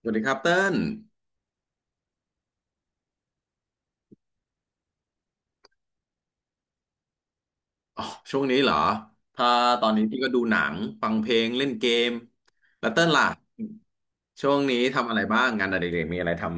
สวัสดีครับเติ้ลอ๋อช่วงนี้เหรอถ้าตอนนี้พี่ก็ดูหนังฟังเพลงเล่นเกมแล้วเติ้ลล่ะช่วงนี้ทำอะไรบ้างงานอดิเรกมีอะไรทำ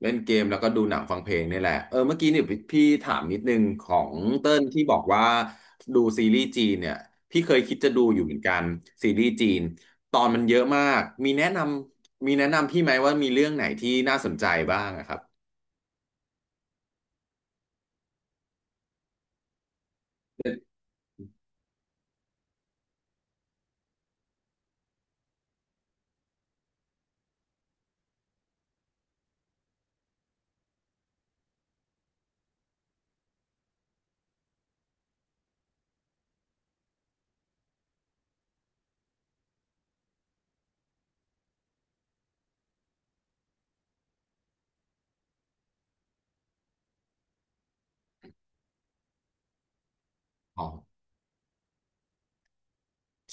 เล่นเกมแล้วก็ดูหนังฟังเพลงนี่แหละเออเมื่อกี้เนี่ยพี่ถามนิดนึงของเติ้ลที่บอกว่าดูซีรีส์จีนเนี่ยพี่เคยคิดจะดูอยู่เหมือนกันซีรีส์จีนตอนมันเยอะมากมีแนะนำมีแนะนำพี่ไหมว่ามีเรื่องไหนที่น่าสนใจบ้างอะครับ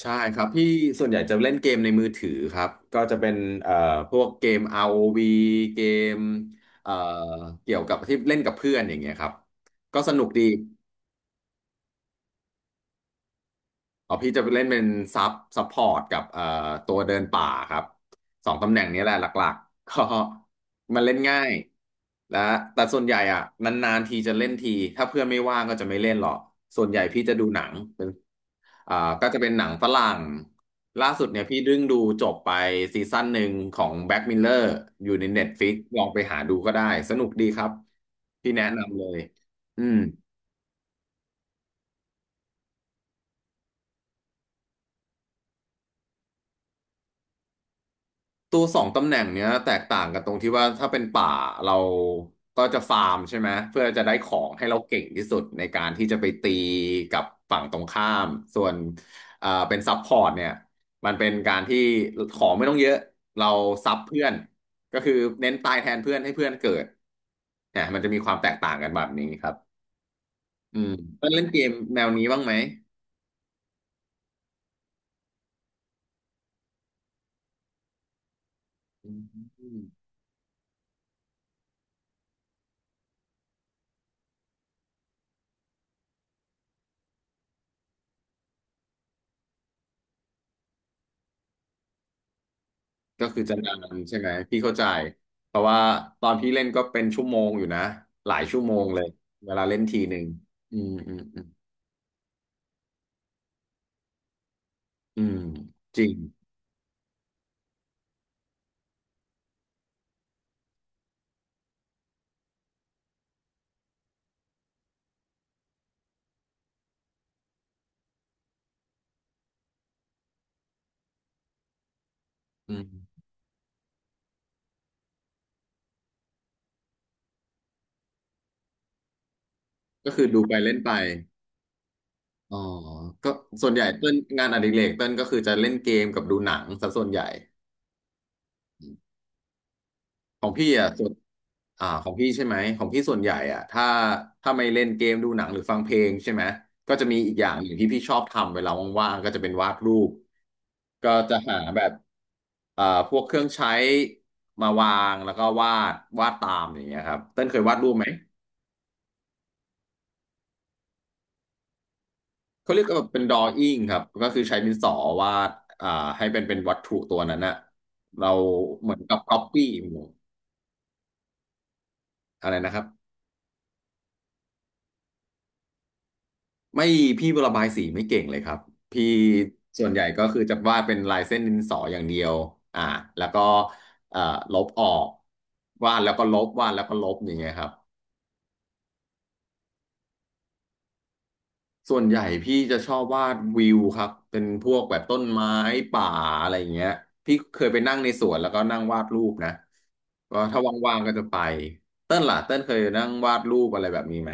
ใช่ครับพี่ส่วนใหญ่จะเล่นเกมในมือถือครับก็จะเป็นเอ่อพวกเกม ROV เกมเอ่อเกี่ยวกับที่เล่นกับเพื่อนอย่างเงี้ยครับก็สนุกดี อ๋อพี่จะไปเล่นเป็นซับซัพพอร์ตกับตัวเดินป่าครับสองตำแหน่งนี้แหละหลักๆก็มันเล่นง่ายและแต่ส่วนใหญ่อ่ะนานๆทีจะเล่นทีถ้าเพื่อนไม่ว่างก็จะไม่เล่นหรอกส่วนใหญ่พี่จะดูหนังเป็นอ่าก็จะเป็นหนังฝรั่งล่าสุดเนี่ยพี่ดึ่งดูจบไปซีซั่นหนึ่งของแบ็กมิลเลอร์อยู่ใน Netflix ลองไปหาดูก็ได้สนุกดีครับพี่แนะนำเลยอืม ตัวสองตำแหน่งเนี้ยแตกต่างกันตรงที่ว่าถ้าเป็นป่าเราก็จะฟาร์มใช่ไหมเพื่อจะได้ของให้เราเก่งที่สุดในการที่จะไปตีกับฝั่งตรงข้ามส่วนเป็นซับพอร์ตเนี่ยมันเป็นการที่ของไม่ต้องเยอะเราซับเพื่อนก็คือเน้นตายแทนเพื่อนให้เพื่อนเกิดเนี่ยมันจะมีความแตกต่างกันแบบนี้ครับอืมเพื่อนเล่นเกมแนวนี้บ้างไหมอืม ก็คือจะนานใช่ไหมพี่เข้าใจเพราะว่าตอนพี่เล่นก็เป็นชั่วโมงอยู่นะหลายชั่วโมงเลยเวลาเล่นทีหนึ่งอืมอืมอืมอืมจริงอืมก็คือดูไปเล่นไปอ๋อก็ส่วนใหญ่เต้นงานอดิเรกเต้นก็คือจะเล่นเกมกับดูหนังซะส่วนใหญ่ของพี่อ่ะส่วนของพี่ใช่ไหมของพี่ส่วนใหญ่อ่ะถ้าถ้าไม่เล่นเกมดูหนังหรือฟังเพลงใช่ไหมก็จะมีอีกอย่างหนึ่งที่พี่ชอบทำเวลาว่างๆก็จะเป็นวาดรูป ก็จะหาแบบพวกเครื่องใช้มาวางแล้วก็วาดวาดตามอย่างเงี้ยครับเต้นเคยวาดรูปไหมเขาเรียกว่าเป็นดรอ w ิ n งครับก็คือใช้ดินสอวาดอ่าให้เป็นเป็นวัตถุตัวนั้นอะเราเหมือนกับก๊อปปี้อะไรนะครับไม่พี่ระบายสีไม่เก่งเลยครับ พี่ส่วนใหญ่ก็คือจะวาดเป็นลายเส้นดินสออย่างเดียวอ่าแล้วก็เอ่อลบออกวาดแล้วก็ลบวาดแล้วก็ลบอย่างเงี้ยครับ ส่วนใหญ่พี่จะชอบวาดวิวครับเป็นพวกแบบต้นไม้ป่าอะไรอย่างเงี้ยพี่เคยไปนั่งในสวนแล้วก็นั่งวาดรูปนะก็ถ้าว่างๆก็จะไปเต้นล่ะเต้นเคยนั่งวาดรูปอะไรแบบนี้ไหม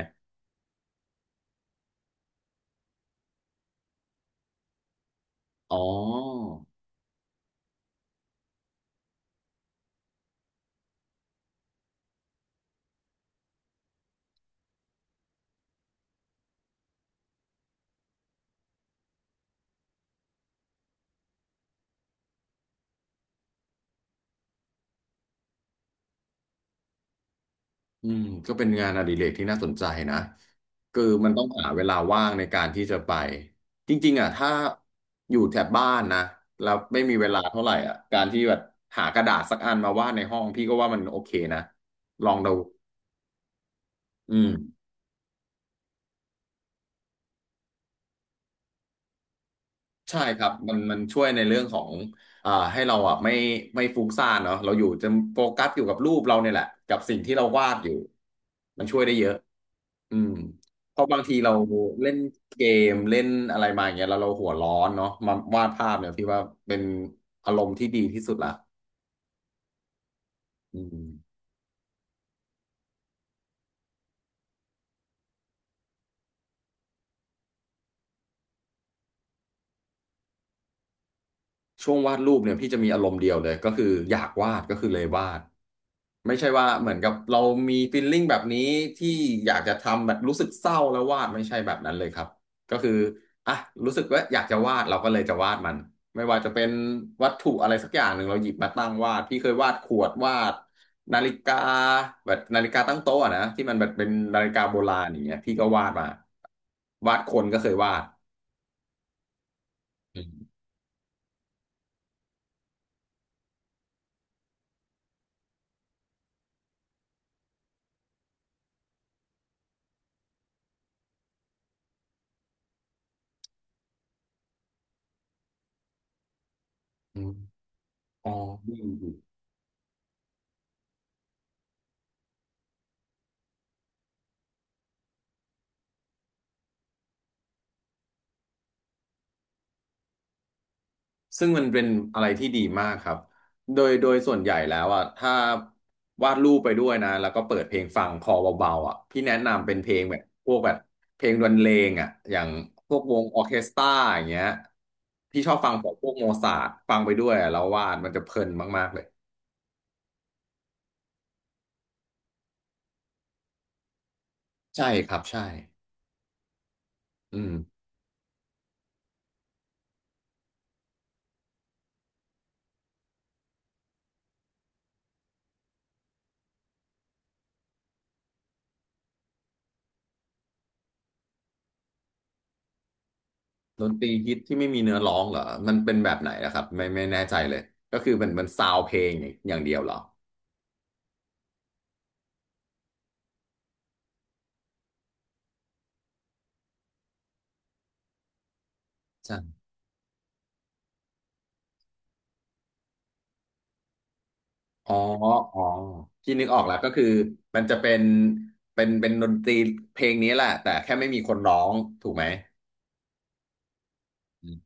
อ๋ออืมก็เป็นงานอดิเรกที่น่าสนใจนะคือมันต้องหาเวลาว่างในการที่จะไปจริงๆอ่ะถ้าอยู่แถบบ้านนะแล้วไม่มีเวลาเท่าไหร่อ่ะการที่แบบหากระดาษสักอันมาวาดในห้องพี่ก็ว่ามันโอเคนะลองดูอืม ใช่ครับมันช่วยในเรื่องของให้เราอ่ะไม่ฟุ้งซ่านเนาะเราอยู่จะโฟกัสอยู่กับรูปเราเนี่ยแหละกับสิ่งที่เราวาดอยู่มันช่วยได้เยอะอืมเพราะบางทีเราเล่นเกมเล่นอะไรมาอย่างเงี้ยแล้วเราหัวร้อนเนาะมาวาดภาพเนี่ยพี่ว่าเป็นอารมณ์ที่ดีที่สุดละอืม ช่วงวาดรูปเนี่ยพี่จะมีอารมณ์เดียวเลยก็คืออยากวาดก็คือเลยวาดไม่ใช่ว่าเหมือนกับเรามีฟีลลิ่งแบบนี้ที่อยากจะทำแบบรู้สึกเศร้าแล้ววาดไม่ใช่แบบนั้นเลยครับก็คืออ่ะรู้สึกว่าอยากจะวาดเราก็เลยจะวาดมันไม่ว่าจะเป็นวัตถุอะไรสักอย่างหนึ่งเราหยิบมาตั้งวาดพี่เคยวาดขวดวาดนาฬิกาแบบนาฬิกาตั้งโต๊ะอะนะที่มันแบบเป็นนาฬิกาโบราณอย่างเงี้ยพี่ก็วาดมาวาดคนก็เคยวาดอืมอมอ๋อ ซึ่งมันเป็นอะไรที่ดีมากครับ โดยส่วนใหญ่แล้วอ่ะถ้าวาดรูปไปด้วยนะแล้วก็เปิดเพลงฟังคอเบาๆพี่แนะนำเป็นเพลงแบบพวกแบบเพลงดนเลงอย่างพวกวงออร์เคสตราอย่างเงี้ยพี่ชอบฟังของพวกโมซาร์ทฟังไปด้วยแล้ววาดมันจะเพลินมากๆเลยใช่ครับใช่อืมดนตรีฮิตที่ไม่มีเนื้อร้องเหรอมันเป็นแบบไหนนะครับไม่แน่ใจเลยก็คือมันซาวเพลงอย่างเดียวเหรอใช่ อ๋ออ๋อที่นึกออกแล้วก็คือมันจะเป็นเป็นดนตรีเพลงนี้แหละแต่แค่ไม่มีคนร้องถูกไหมอืม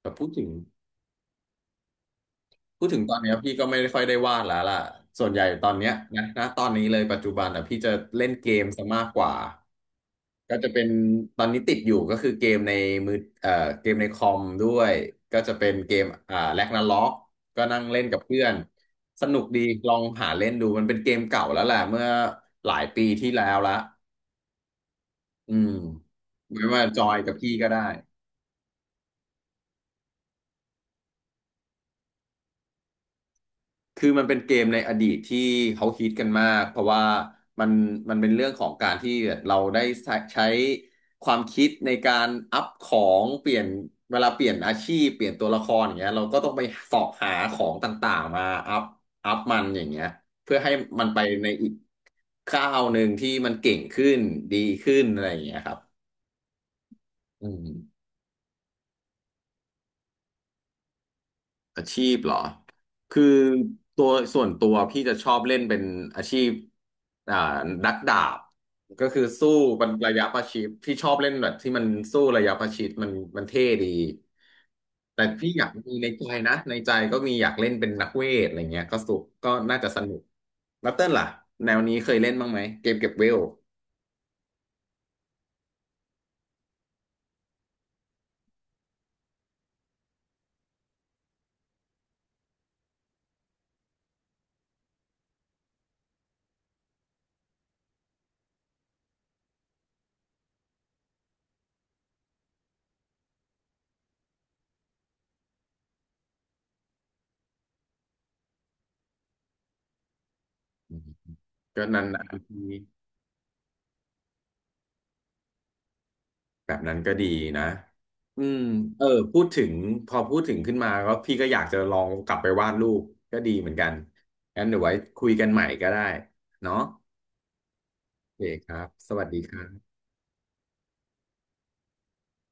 แต่พูดถึงตอนเนี้ยพี่ก็ไม่ค่อยได้วาดแล้วล่ะส่วนใหญ่ตอนเนี้ยนะตอนนี้เลยปัจจุบันอ่ะพี่จะเล่นเกมซะมากกว่าก็จะเป็นตอนนี้ติดอยู่ก็คือเกมในมือเอ่อเกมในคอมด้วยก็จะเป็นเกมแร็กนาร็อกก็นั่งเล่นกับเพื่อนสนุกดีลองหาเล่นดูมันเป็นเกมเก่าแล้วแหละเมื่อหลายปีที่แล้วละ อืมไม่ว่าจอยกับพี่ก็ได้คือมันเป็นเกมในอดีตที่เขาฮิตกันมากเพราะว่ามันเป็นเรื่องของการที่เราได้ใช้ความคิดในการอัพของเปลี่ยนเวลาเปลี่ยนอาชีพเปลี่ยนตัวละครอย่างเงี้ยเราก็ต้องไปเสาะหาของต่างๆมาอัพมันอย่างเงี้ยเพื่อให้มันไปในอีกก้าวหนึ่งที่มันเก่งขึ้นดีขึ้นอะไรอย่างเงี้ยครับอืม อาชีพเหรอคือตัวส่วนตัวพี่จะชอบเล่นเป็นอาชีพอ่านักดาบก็คือสู้เป็นระยะประชิดพี่ชอบเล่นแบบที่มันสู้ระยะประชิดมันเท่ดีแต่พี่อยากมีในใจนะในใจก็มีอยากเล่นเป็นนักเวทอะไรเงี้ยก็สุกก็น่าจะสนุกแล้วเต้นล่ะแนวนี้เคยเล่นบ้างไหมเกมเก็บเวลอืมก็นานๆที แบบนั้นก็ดีนะอืมเออพูดถึงพอพูดถึงขึ้นมาก็พี่ก็อยากจะลองกลับไปวาดรูปก็ดีเหมือนกันงั้นเดี๋ยวไว้คุยกันใหม่ก็ได้เนาะโอเคครับสวัสดีครับ